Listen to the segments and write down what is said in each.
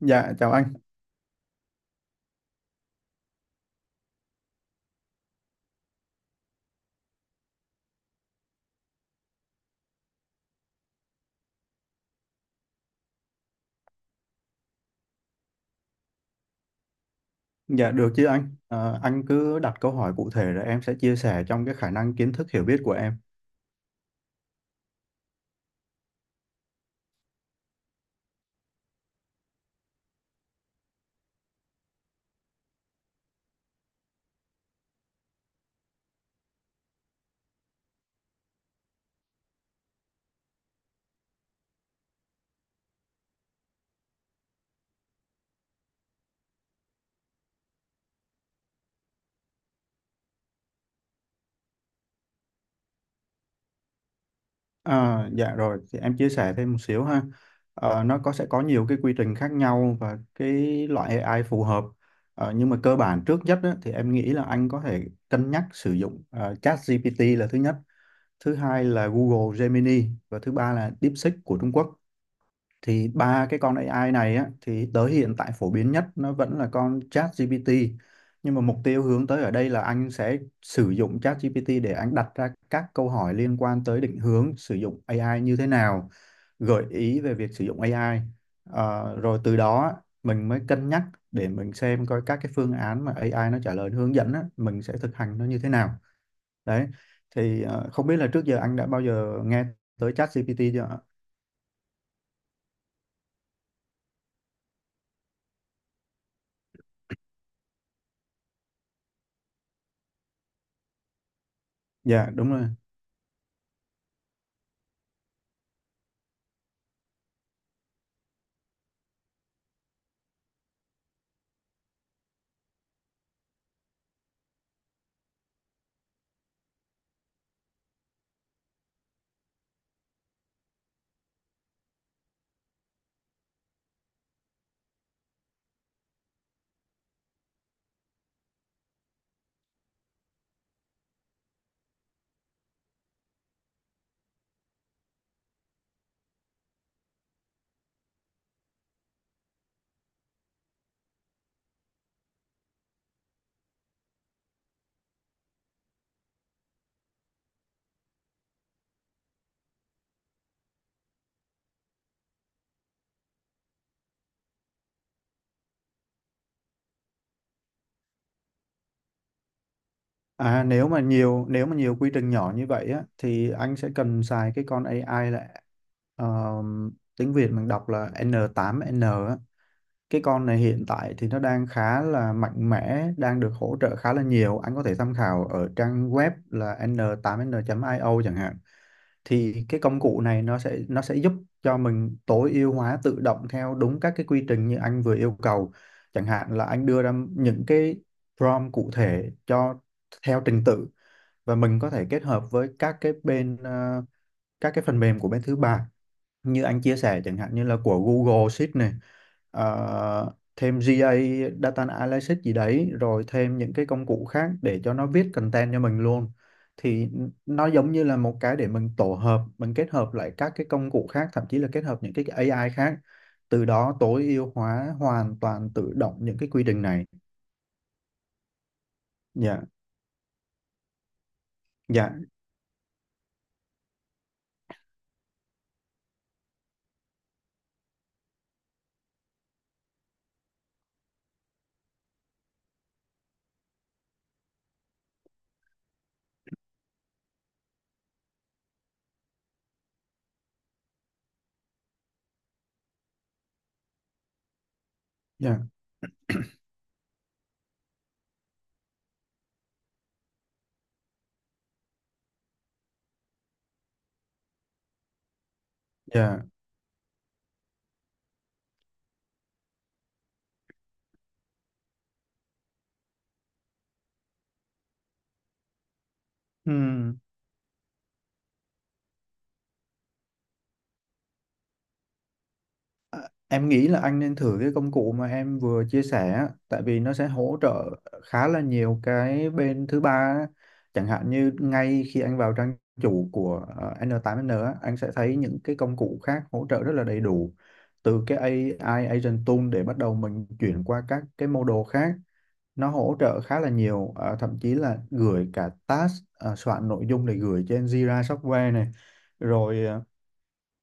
Dạ chào anh. Dạ được chứ anh. Ờ, anh cứ đặt câu hỏi cụ thể rồi em sẽ chia sẻ trong cái khả năng kiến thức hiểu biết của em. Dạ rồi thì em chia sẻ thêm một xíu ha. Nó có sẽ có nhiều cái quy trình khác nhau và cái loại AI phù hợp. Nhưng mà cơ bản trước nhất á, thì em nghĩ là anh có thể cân nhắc sử dụng ChatGPT là thứ nhất, thứ hai là Google Gemini và thứ ba là DeepSeek của Trung Quốc. Thì ba cái con AI này á thì tới hiện tại phổ biến nhất nó vẫn là con ChatGPT, nhưng mà mục tiêu hướng tới ở đây là anh sẽ sử dụng ChatGPT để anh đặt ra các câu hỏi liên quan tới định hướng sử dụng AI như thế nào, gợi ý về việc sử dụng AI. Rồi từ đó á, mình mới cân nhắc để mình xem coi các cái phương án mà AI nó trả lời hướng dẫn á, mình sẽ thực hành nó như thế nào đấy. Thì không biết là trước giờ anh đã bao giờ nghe tới ChatGPT chưa ạ? Dạ đúng rồi. À, nếu mà nhiều quy trình nhỏ như vậy á thì anh sẽ cần xài cái con AI là um, tiếng Việt mình đọc là n tám n á. Cái con này hiện tại thì nó đang khá là mạnh mẽ, đang được hỗ trợ khá là nhiều. Anh có thể tham khảo ở trang web là n 8 n O chẳng hạn. Thì cái công cụ này nó sẽ giúp cho mình tối ưu hóa tự động theo đúng các cái quy trình như anh vừa yêu cầu. Chẳng hạn là anh đưa ra những cái prompt cụ thể cho theo trình tự, và mình có thể kết hợp với các cái bên các cái phần mềm của bên thứ ba như anh chia sẻ, chẳng hạn như là của Google Sheet này, thêm giê A Data Analysis gì đấy, rồi thêm những cái công cụ khác để cho nó viết content cho mình luôn. Thì nó giống như là một cái để mình kết hợp lại các cái công cụ khác, thậm chí là kết hợp những cái AI khác, từ đó tối ưu hóa hoàn toàn tự động những cái quy trình này. Dạ. Dạ. Dạ. Dạ. Ừ. À, em nghĩ là anh nên thử cái công cụ mà em vừa chia sẻ á, tại vì nó sẽ hỗ trợ khá là nhiều cái bên thứ ba á. Chẳng hạn như ngay khi anh vào trang chủ của N8N á, anh sẽ thấy những cái công cụ khác hỗ trợ rất là đầy đủ, từ cái AI Agent Tool để bắt đầu mình chuyển qua các cái model khác. Nó hỗ trợ khá là nhiều, thậm chí là gửi cả task, soạn nội dung để gửi trên Jira Software này, rồi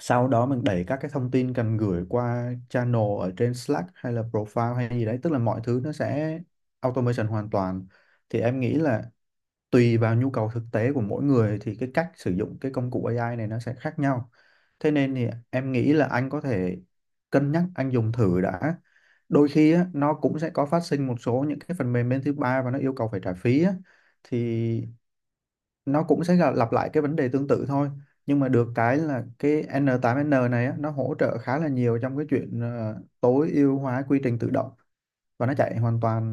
sau đó mình đẩy các cái thông tin cần gửi qua channel ở trên Slack hay là profile hay gì đấy, tức là mọi thứ nó sẽ automation hoàn toàn. Thì em nghĩ là tùy vào nhu cầu thực tế của mỗi người thì cái cách sử dụng cái công cụ AI này nó sẽ khác nhau, thế nên thì em nghĩ là anh có thể cân nhắc anh dùng thử đã. Đôi khi á, nó cũng sẽ có phát sinh một số những cái phần mềm bên thứ ba và nó yêu cầu phải trả phí á. Thì nó cũng sẽ lặp lại cái vấn đề tương tự thôi, nhưng mà được cái là cái N8N này á, nó hỗ trợ khá là nhiều trong cái chuyện tối ưu hóa quy trình tự động, và nó chạy hoàn toàn,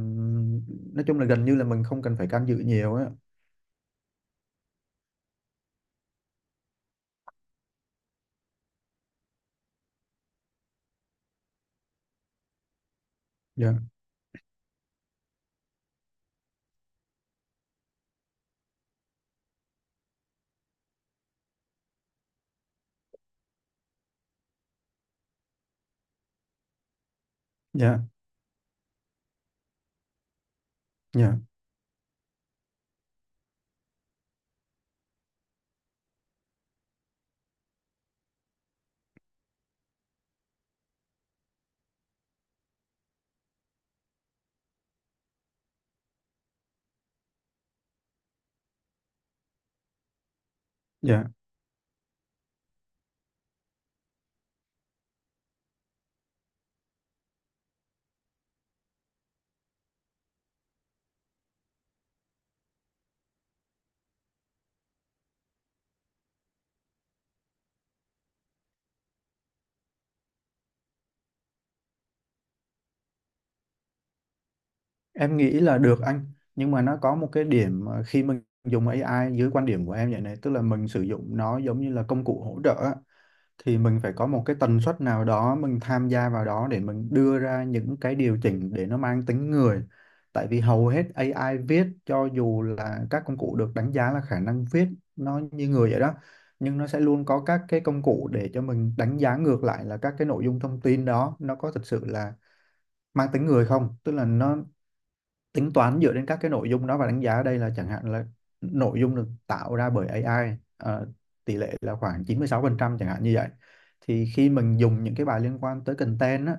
nói chung là gần như là mình không cần phải can dự nhiều á. Dạ. Dạ. Dạ. Dạ. Em nghĩ là được anh, nhưng mà nó có một cái điểm mà khi mình dùng AI dưới quan điểm của em vậy này, tức là mình sử dụng nó giống như là công cụ hỗ trợ á, thì mình phải có một cái tần suất nào đó mình tham gia vào đó để mình đưa ra những cái điều chỉnh để nó mang tính người. Tại vì hầu hết AI viết cho dù là các công cụ được đánh giá là khả năng viết nó như người vậy đó, nhưng nó sẽ luôn có các cái công cụ để cho mình đánh giá ngược lại là các cái nội dung thông tin đó nó có thực sự là mang tính người không, tức là nó tính toán dựa trên các cái nội dung đó, và đánh giá ở đây là chẳng hạn là nội dung được tạo ra bởi AI tỷ lệ là khoảng 96% chẳng hạn như vậy. Thì khi mình dùng những cái bài liên quan tới content á,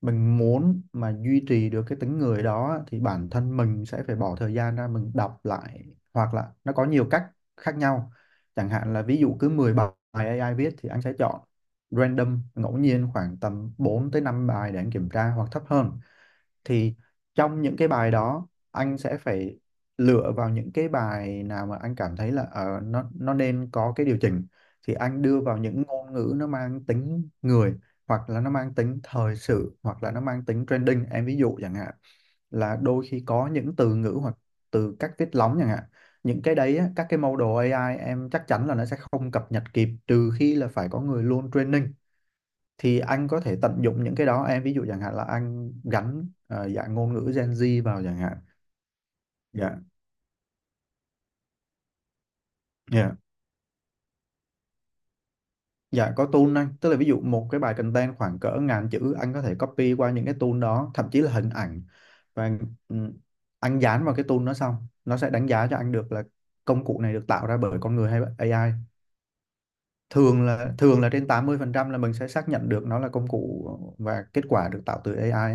mình muốn mà duy trì được cái tính người đó thì bản thân mình sẽ phải bỏ thời gian ra mình đọc lại, hoặc là nó có nhiều cách khác nhau. Chẳng hạn là ví dụ cứ 10 bài AI viết thì anh sẽ chọn random ngẫu nhiên khoảng tầm 4 tới 5 bài để anh kiểm tra hoặc thấp hơn. Thì trong những cái bài đó anh sẽ phải lựa vào những cái bài nào mà anh cảm thấy là nó nên có cái điều chỉnh, thì anh đưa vào những ngôn ngữ nó mang tính người, hoặc là nó mang tính thời sự, hoặc là nó mang tính trending em ví dụ chẳng hạn, là đôi khi có những từ ngữ hoặc từ cách viết lóng chẳng hạn. Những cái đấy á, các cái model AI em chắc chắn là nó sẽ không cập nhật kịp, trừ khi là phải có người luôn training. Thì anh có thể tận dụng những cái đó em ví dụ chẳng hạn là anh gắn dạng ngôn ngữ Gen Z vào chẳng hạn. Dạ. Dạ. Dạ có tool anh, tức là ví dụ một cái bài content khoảng cỡ ngàn chữ anh có thể copy qua những cái tool đó, thậm chí là hình ảnh, và ừm, anh dán vào cái tool đó, xong nó sẽ đánh giá cho anh được là công cụ này được tạo ra bởi con người hay bởi AI. Thường là trên 80% là mình sẽ xác nhận được nó là công cụ và kết quả được tạo từ AI.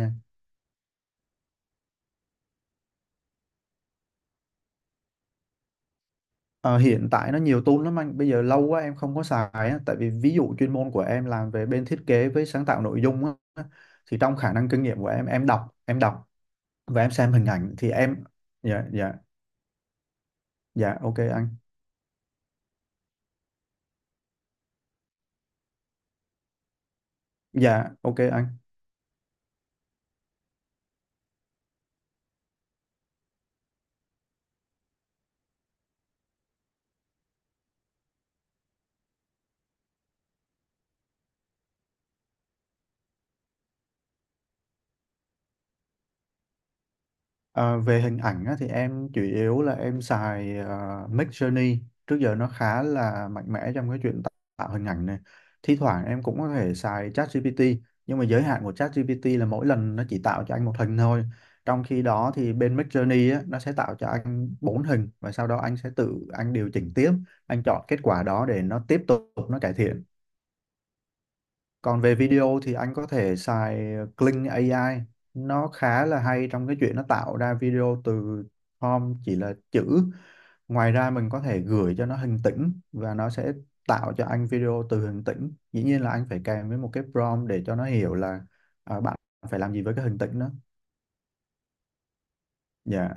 Ờ, hiện tại nó nhiều tool lắm anh, bây giờ lâu quá em không có xài á, tại vì ví dụ chuyên môn của em làm về bên thiết kế với sáng tạo nội dung á, thì trong khả năng kinh nghiệm của em, em đọc và em xem hình ảnh thì em. Dạ. Dạ. Dạ ok anh. Dạ ok anh. Ờ, về hình ảnh á, thì em chủ yếu là em xài Midjourney. Trước giờ nó khá là mạnh mẽ trong cái chuyện tạo tạo hình ảnh này. Thi thoảng em cũng có thể xài ChatGPT, nhưng mà giới hạn của ChatGPT là mỗi lần nó chỉ tạo cho anh 1 hình thôi, trong khi đó thì bên Midjourney á, nó sẽ tạo cho anh 4 hình và sau đó anh sẽ tự anh điều chỉnh tiếp, anh chọn kết quả đó để nó tiếp tục nó cải thiện. Còn về video thì anh có thể xài Kling AI. Nó khá là hay trong cái chuyện nó tạo ra video từ prompt chỉ là chữ. Ngoài ra mình có thể gửi cho nó hình tĩnh và nó sẽ tạo cho anh video từ hình tĩnh. Dĩ nhiên là anh phải kèm với một cái prompt để cho nó hiểu là à, bạn phải làm gì với cái hình tĩnh đó. Dạ.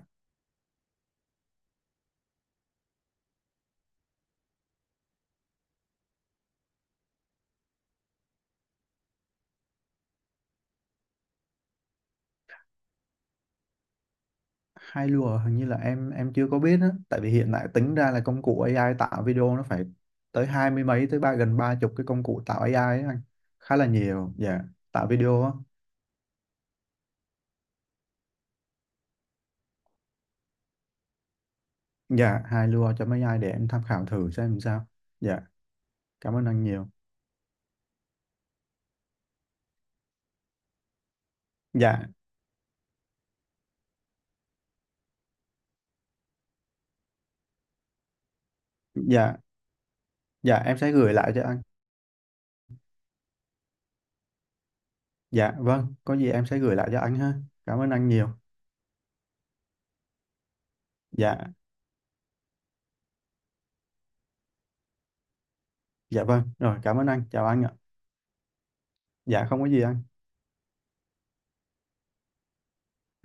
Hai lùa hình như là em chưa có biết á, tại vì hiện tại tính ra là công cụ AI tạo video nó phải tới hai mươi mấy, tới ba, gần ba chục cái công cụ tạo AI ấy anh. Khá là nhiều. Dạ, tạo video á. Dạ, hai lùa cho mấy ai để em tham khảo thử xem làm sao. Dạ, cảm ơn anh nhiều. Dạ. Dạ. Dạ em sẽ gửi lại cho anh. Dạ vâng, có gì em sẽ gửi lại cho anh ha. Cảm ơn anh nhiều. Dạ. Dạ vâng rồi, cảm ơn anh, chào anh ạ. Dạ không có gì anh.